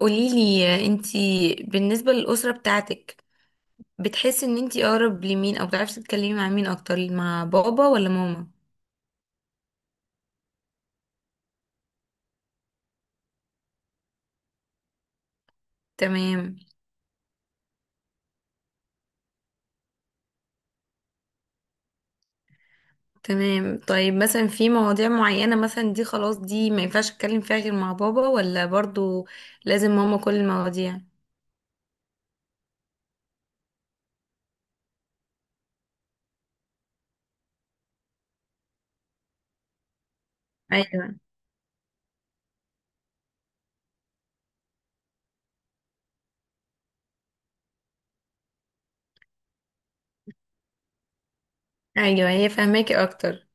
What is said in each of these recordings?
قوليلي انتي بالنسبة للأسرة بتاعتك، بتحسي ان انتي اقرب لمين او بتعرفي تتكلمي مع مين اكتر، مع بابا ولا ماما؟ تمام. تمام، طيب مثلا في مواضيع معينة مثلا دي خلاص دي ما ينفعش اتكلم فيها غير مع بابا، ولا برضو لازم ماما كل المواضيع؟ ايوه. ايوه، هي فاهماكي اكتر.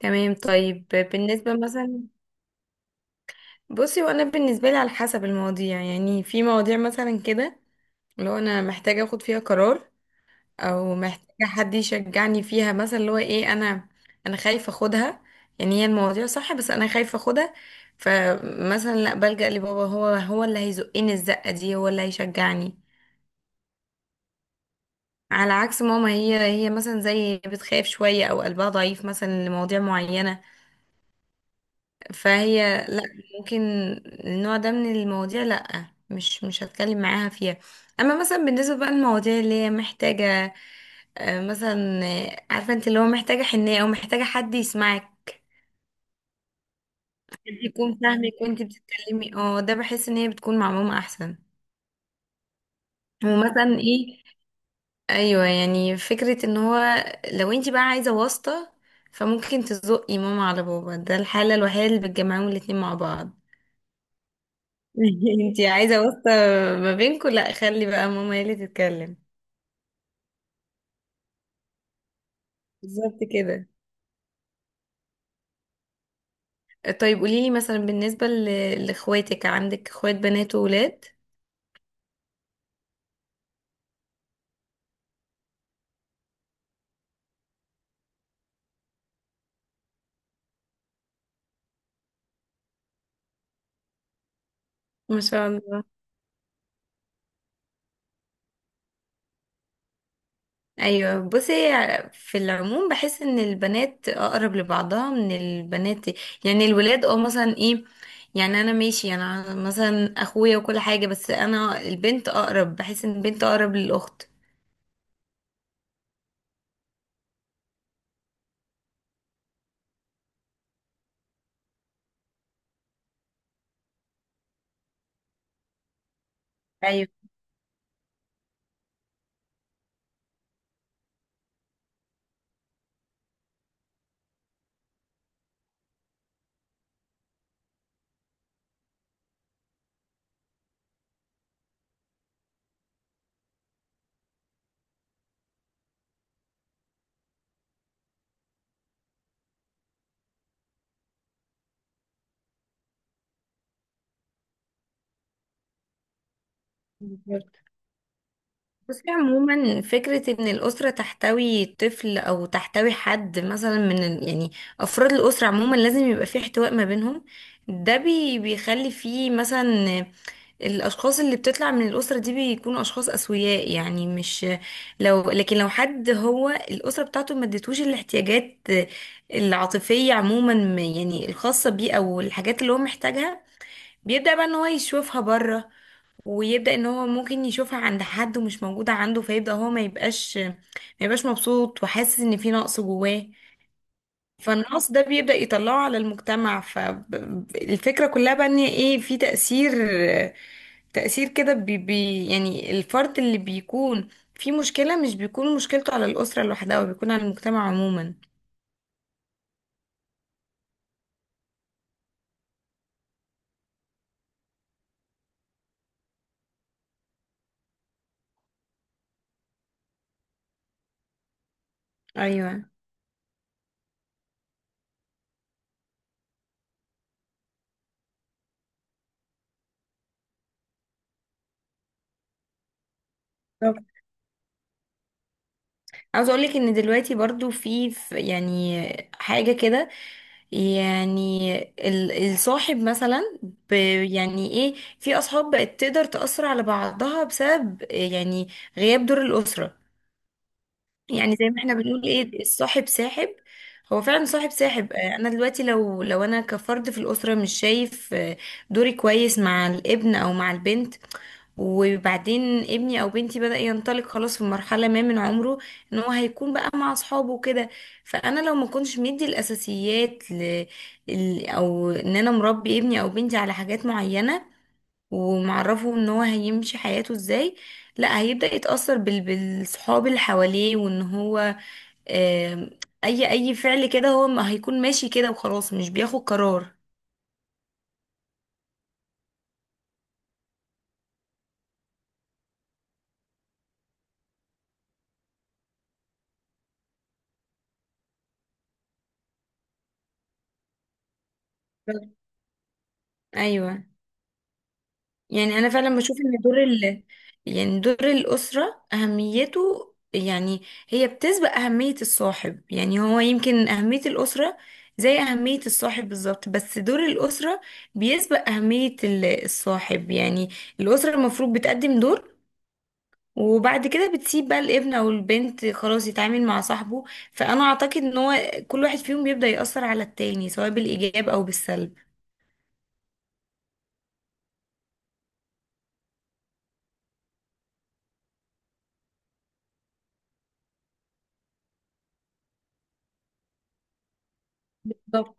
تمام، طيب بالنسبة مثلا. بصي، وانا بالنسبة لي على حسب المواضيع، يعني في مواضيع مثلا كده لو انا محتاجة اخد فيها قرار، او محتاجة حد يشجعني فيها، مثلا اللي هو ايه، انا خايفة اخدها، يعني هي المواضيع صح بس انا خايفة اخدها. فمثلا لا بلجأ لبابا، هو اللي هيزقني الزقة دي، هو اللي هيشجعني. على عكس ماما، هي مثلا زي بتخاف شوية او قلبها ضعيف مثلا لمواضيع معينة، فهي لا، ممكن النوع ده من المواضيع لا، مش هتكلم معاها فيها. اما مثلا بالنسبة بقى للمواضيع اللي هي محتاجة، مثلا عارفه انت اللي هو محتاجه حنيه او محتاجه حد يسمعك، حد يكون فاهمك وانت بتتكلمي، ده بحس ان هي بتكون مع ماما احسن. ومثلا ايه؟ ايوه، يعني فكره ان هو لو انت بقى عايزه واسطه فممكن تزقي ماما على بابا، ده الحاله الوحيده اللي بتجمعهم الاتنين مع بعض. انت عايزه واسطه ما بينكم، لا خلي بقى ماما هي اللي تتكلم. بالظبط كده. طيب قوليلي مثلا بالنسبه لاخواتك، عندك اخوات بنات وولاد؟ ما شاء الله. ايوه، بصي في العموم بحس ان البنات اقرب لبعضها من البنات، يعني الولاد مثلا ايه، يعني انا ماشي انا مثلا اخويا وكل حاجه، بس انا البنت اقرب، بحس ان البنت اقرب للاخت. ايوه. بصي عموما فكرة ان الأسرة تحتوي طفل او تحتوي حد مثلا يعني افراد الأسرة عموما لازم يبقى في احتواء ما بينهم، ده بيخلي فيه مثلا الاشخاص اللي بتطلع من الاسره دي بيكونوا اشخاص اسوياء، يعني مش. لكن لو حد هو الاسره بتاعته ما ادتوش الاحتياجات العاطفيه عموما، يعني الخاصه بيه او الحاجات اللي هو محتاجها، بيبدا بقى ان هو يشوفها بره، ويبدأ ان هو ممكن يشوفها عند حد ومش موجودة عنده، فيبدأ هو ما يبقاش مبسوط، وحاسس ان في نقص جواه. فالنقص ده بيبدأ يطلعه على المجتمع، فالفكرة كلها بقى ان ايه، في تأثير، تأثير كده بي بي يعني الفرد اللي بيكون في مشكلة مش بيكون مشكلته على الأسرة لوحدها، وبيكون على المجتمع عموما. ايوه. عاوز اقولك ان دلوقتي برضو يعني حاجة كده، يعني الصاحب مثلا، ب يعني ايه، في اصحاب بقت تقدر تأثر على بعضها بسبب يعني غياب دور الأسرة. يعني زي ما احنا بنقول ايه، الصاحب ساحب، هو فعلا صاحب ساحب. انا دلوقتي لو انا كفرد في الاسره مش شايف دوري كويس مع الابن او مع البنت، وبعدين ابني او بنتي بدأ ينطلق خلاص في مرحله ما من عمره، ان هو هيكون بقى مع اصحابه وكده. فانا لو ما كنتش مدي الاساسيات او ان انا مربي ابني او بنتي على حاجات معينه، ومعرفه ان هو هيمشي حياته ازاي، لا هيبدأ يتأثر بالصحاب اللي حواليه، وان هو آم، اي فعل كده هو ما هيكون ماشي كده وخلاص مش بياخد قرار. ايوه. يعني انا فعلا بشوف ان دور يعني دور الاسره اهميته، يعني هي بتسبق اهميه الصاحب، يعني هو يمكن اهميه الاسره زي اهميه الصاحب بالظبط، بس دور الاسره بيسبق اهميه الصاحب، يعني الاسره المفروض بتقدم دور، وبعد كده بتسيب بقى الابن او البنت خلاص يتعامل مع صاحبه. فانا اعتقد ان هو كل واحد فيهم بيبدأ يأثر على التاني سواء بالايجاب او بالسلب. بالظبط.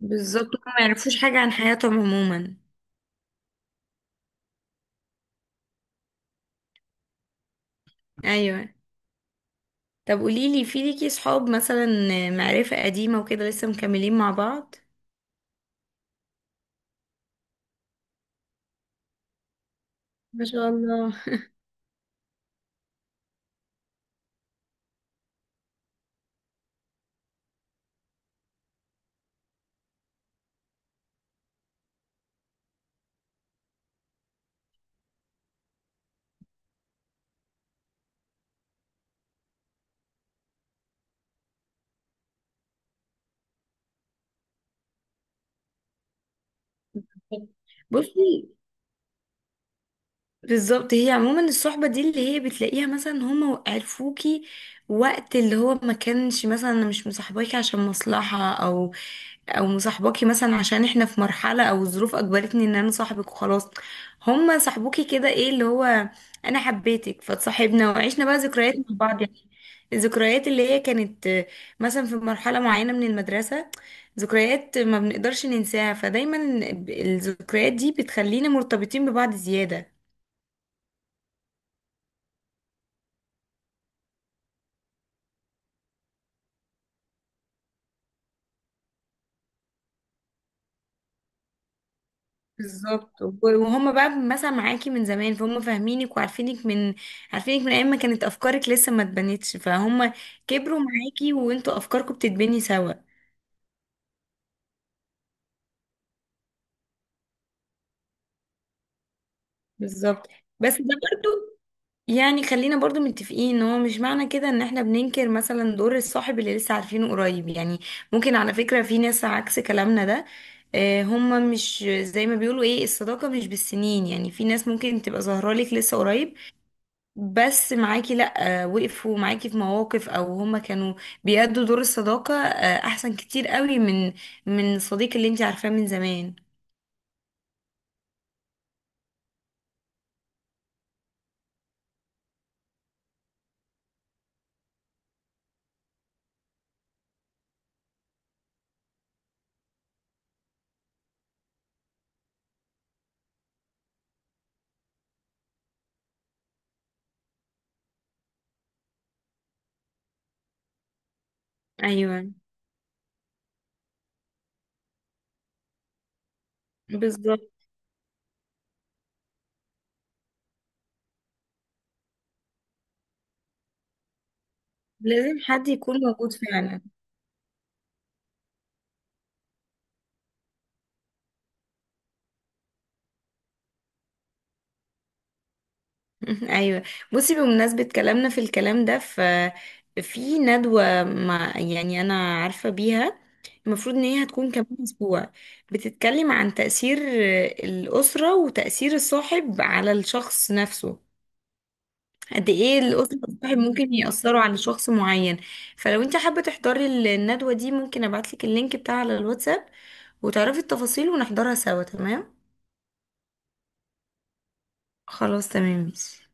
بالظبط، هما ما يعرفوش حاجة عن حياتهم عموما. ايوه، طب قوليلي، في ليكي صحاب مثلا معرفة قديمة وكده لسه مكملين مع بعض؟ ما شاء الله. بصي بالظبط، هي عموما الصحبة دي اللي هي بتلاقيها مثلا هما عرفوكي وقت اللي هو ما كانش، مثلا انا مش مصاحباكي عشان مصلحة، او مصاحباكي مثلا عشان احنا في مرحلة او الظروف اجبرتني ان انا صاحبك وخلاص، هما صاحبوكي كده، ايه اللي هو انا حبيتك فتصاحبنا وعشنا بقى ذكريات مع بعض يعني. الذكريات اللي هي كانت مثلا في مرحلة معينة من المدرسة، ذكريات ما بنقدرش ننساها، فدايما الذكريات دي بتخلينا مرتبطين ببعض زيادة. بالظبط، وهم بقى مثلا معاكي من زمان، فهم فاهمينك وعارفينك من ايام ما كانت افكارك لسه ما اتبنتش، فهم كبروا معاكي وانتوا افكاركم بتتبني سوا. بالظبط. بس ده برضو، يعني خلينا برضو متفقين ان هو مش معنى كده ان احنا بننكر مثلا دور الصاحب اللي لسه عارفينه قريب، يعني ممكن على فكرة في ناس عكس كلامنا ده، هم مش زي ما بيقولوا ايه، الصداقة مش بالسنين، يعني في ناس ممكن تبقى ظاهرة لك لسه قريب، بس معاكي لأ، وقفوا معاكي في مواقف، أو هما كانوا بيأدوا دور الصداقة أحسن كتير قوي من الصديق اللي انتي عارفاه من زمان. أيوة. بالظبط. لازم حد يكون موجود فعلا. أيوة. بصي بمناسبة كلامنا في الكلام ده، في ندوة، مع يعني أنا عارفة بيها، المفروض إن هي هتكون كمان أسبوع، بتتكلم عن تأثير الأسرة وتأثير الصاحب على الشخص نفسه، قد ايه القطط الصاحب ممكن يأثروا على شخص معين. فلو انت حابة تحضري الندوة دي ممكن ابعتلك اللينك بتاعها على الواتساب، وتعرفي التفاصيل ونحضرها سوا. تمام، خلاص، تمام ماشي.